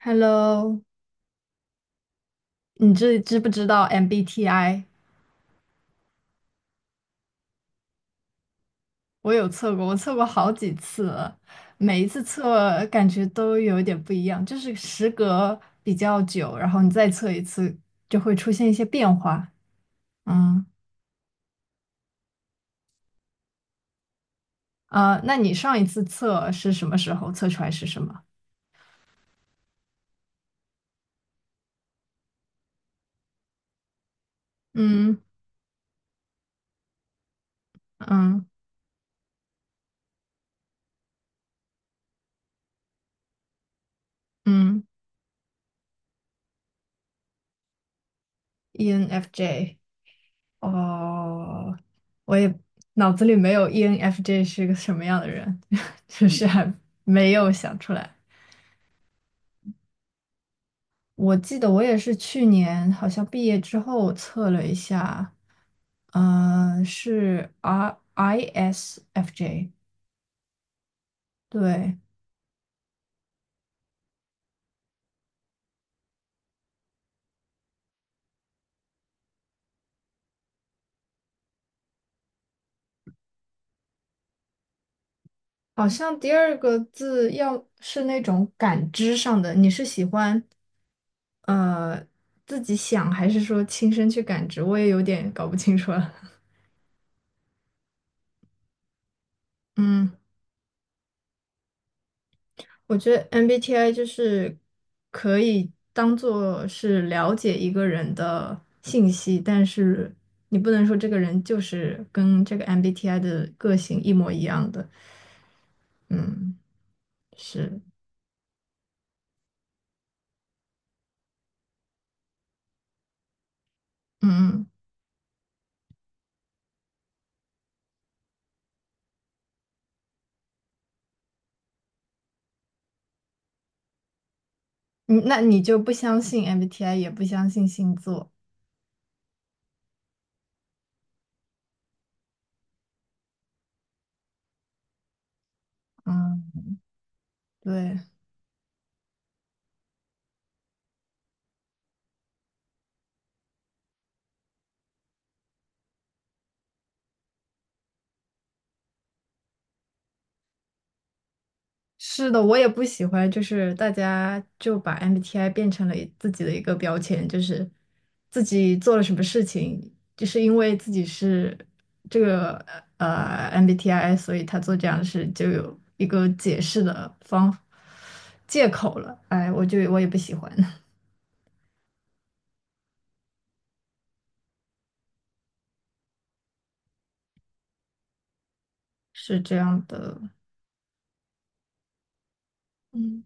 Hello，你知不知道 MBTI？我有测过，我测过好几次了，每一次测感觉都有一点不一样，就是时隔比较久，然后你再测一次，就会出现一些变化。嗯啊，那你上一次测是什么时候？测出来是什么？嗯嗯嗯，ENFJ。哦，我也脑子里没有 ENFJ 是个什么样的人，就是还没有想出来。我记得我也是去年好像毕业之后测了一下，是 R ISFJ，对，好像第二个字要是那种感知上的，你是喜欢呃自己想还是说亲身去感知？我也有点搞不清楚了。嗯我觉得 MBTI 就是可以当做是了解一个人的信息，但是你不能说这个人就是跟这个 MBTI 的个性一模一样的。嗯，是，嗯嗯，那你就不相信 MBTI，也不相信星座。嗯，对。是的，我也不喜欢，就是大家就把 MBTI 变成了自己的一个标签，就是自己做了什么事情，就是因为自己是这个MBTI，所以他做这样的事就有一个解释的方借口了。哎，我也不喜欢，是这样的，嗯。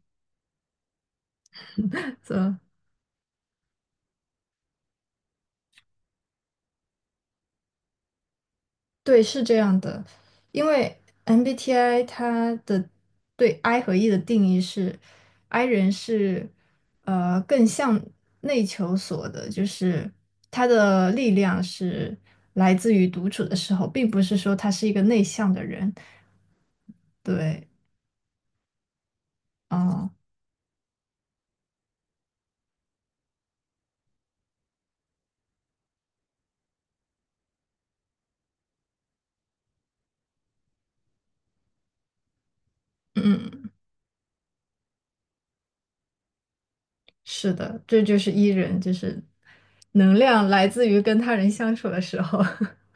对，是这样的，因为 MBTI 它的对 I 和 E 的定义是，I 人是更向内求索的，就是他的力量是来自于独处的时候，并不是说他是一个内向的人。对，啊、嗯，嗯是的，这就是 E 人，就是能量来自于跟他人相处的时候。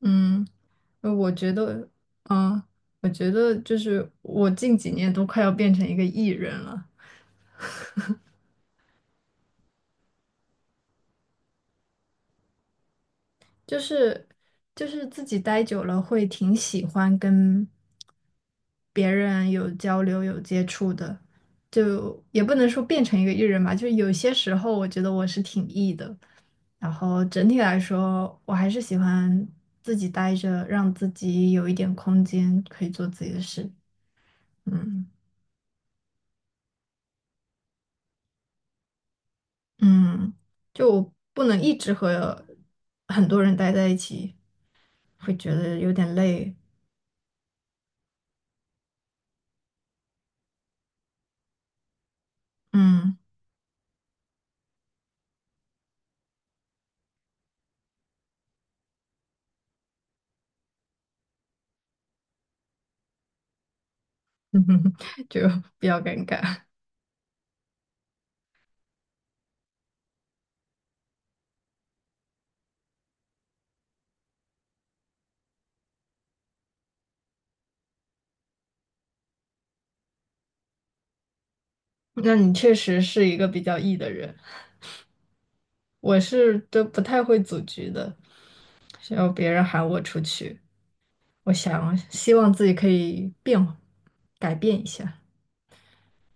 嗯，呃我觉得，嗯，我觉得就是我近几年都快要变成一个 E 人了，就是就是自己待久了会挺喜欢跟别人有交流、有接触的，就也不能说变成一个 E 人吧，就是有些时候我觉得我是挺 E 的，然后整体来说，我还是喜欢自己待着，让自己有一点空间可以做自己的事，嗯。嗯，就不能一直和很多人待在一起，会觉得有点累。嗯，就比较尴尬。那你确实是一个比较 E 的人，我是都不太会组局的，需要别人喊我出去，我想希望自己可以变，改变一下。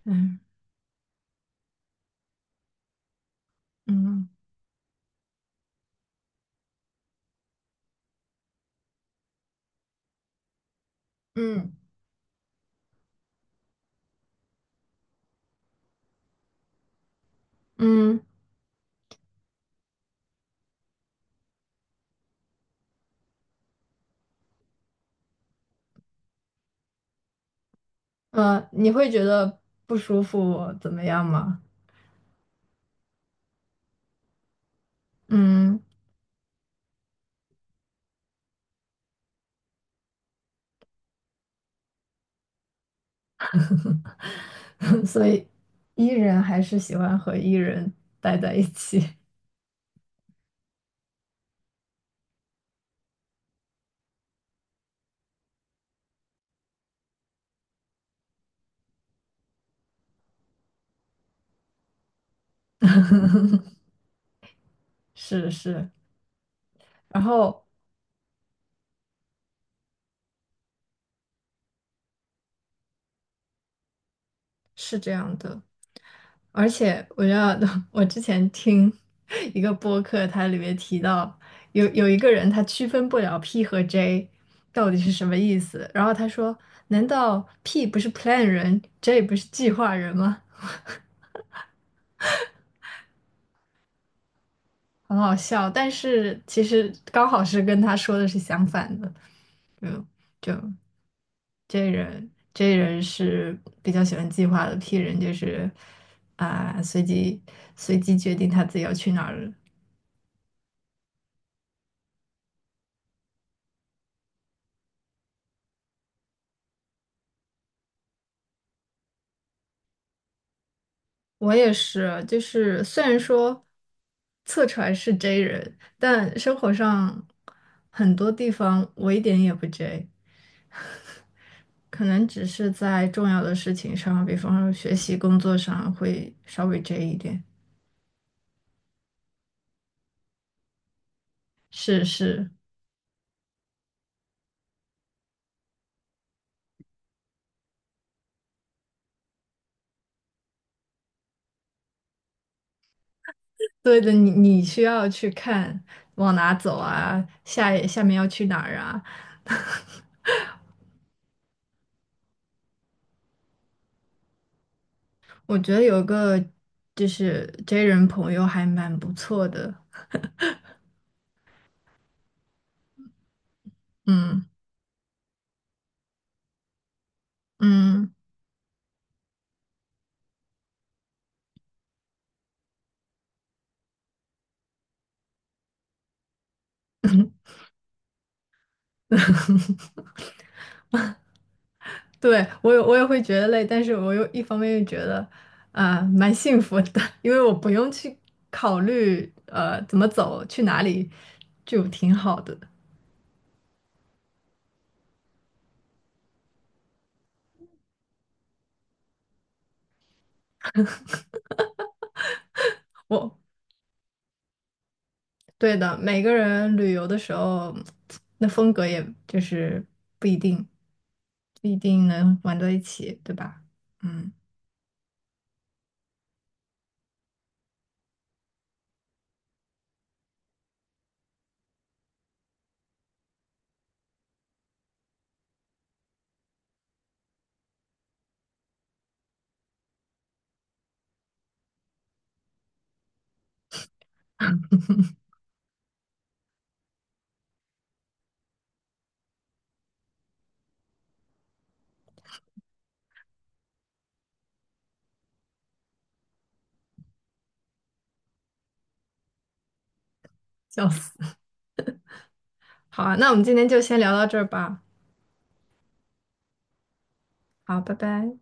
嗯嗯嗯嗯，你会觉得不舒服怎么样吗？嗯。所以 E 人还是喜欢和 E 人待在一起，是是，然后是这样的，而且我知道 我之前听 一个播客，它里面提到有一个人他区分不了 P 和 J 到底是什么意思，然后他说，难道 P 不是 plan 人，J 不是计划人吗？很好笑，但是其实刚好是跟他说的是相反的，嗯。就 J 人，J 人是比较喜欢计划的，P 人就是啊、随机随机决定他自己要去哪儿了。我也是，就是虽然说测出来是 J 人，但生活上很多地方我一点也不 J，可能只是在重要的事情上，比方说学习、工作上会稍微 J 一点。是是，对的，你需要去看往哪走啊，下面要去哪儿啊。我觉得有一个就是 J 人朋友还蛮不错的，嗯嗯，对，我也会觉得累，但是我又一方面又觉得蛮幸福的，因为我不用去考虑怎么走去哪里，就挺好的。我对的，每个人旅游的时候，那风格也就是不一定不一定能玩到一起，对吧？嗯，笑死。好啊，那我们今天就先聊到这儿吧。好，拜拜。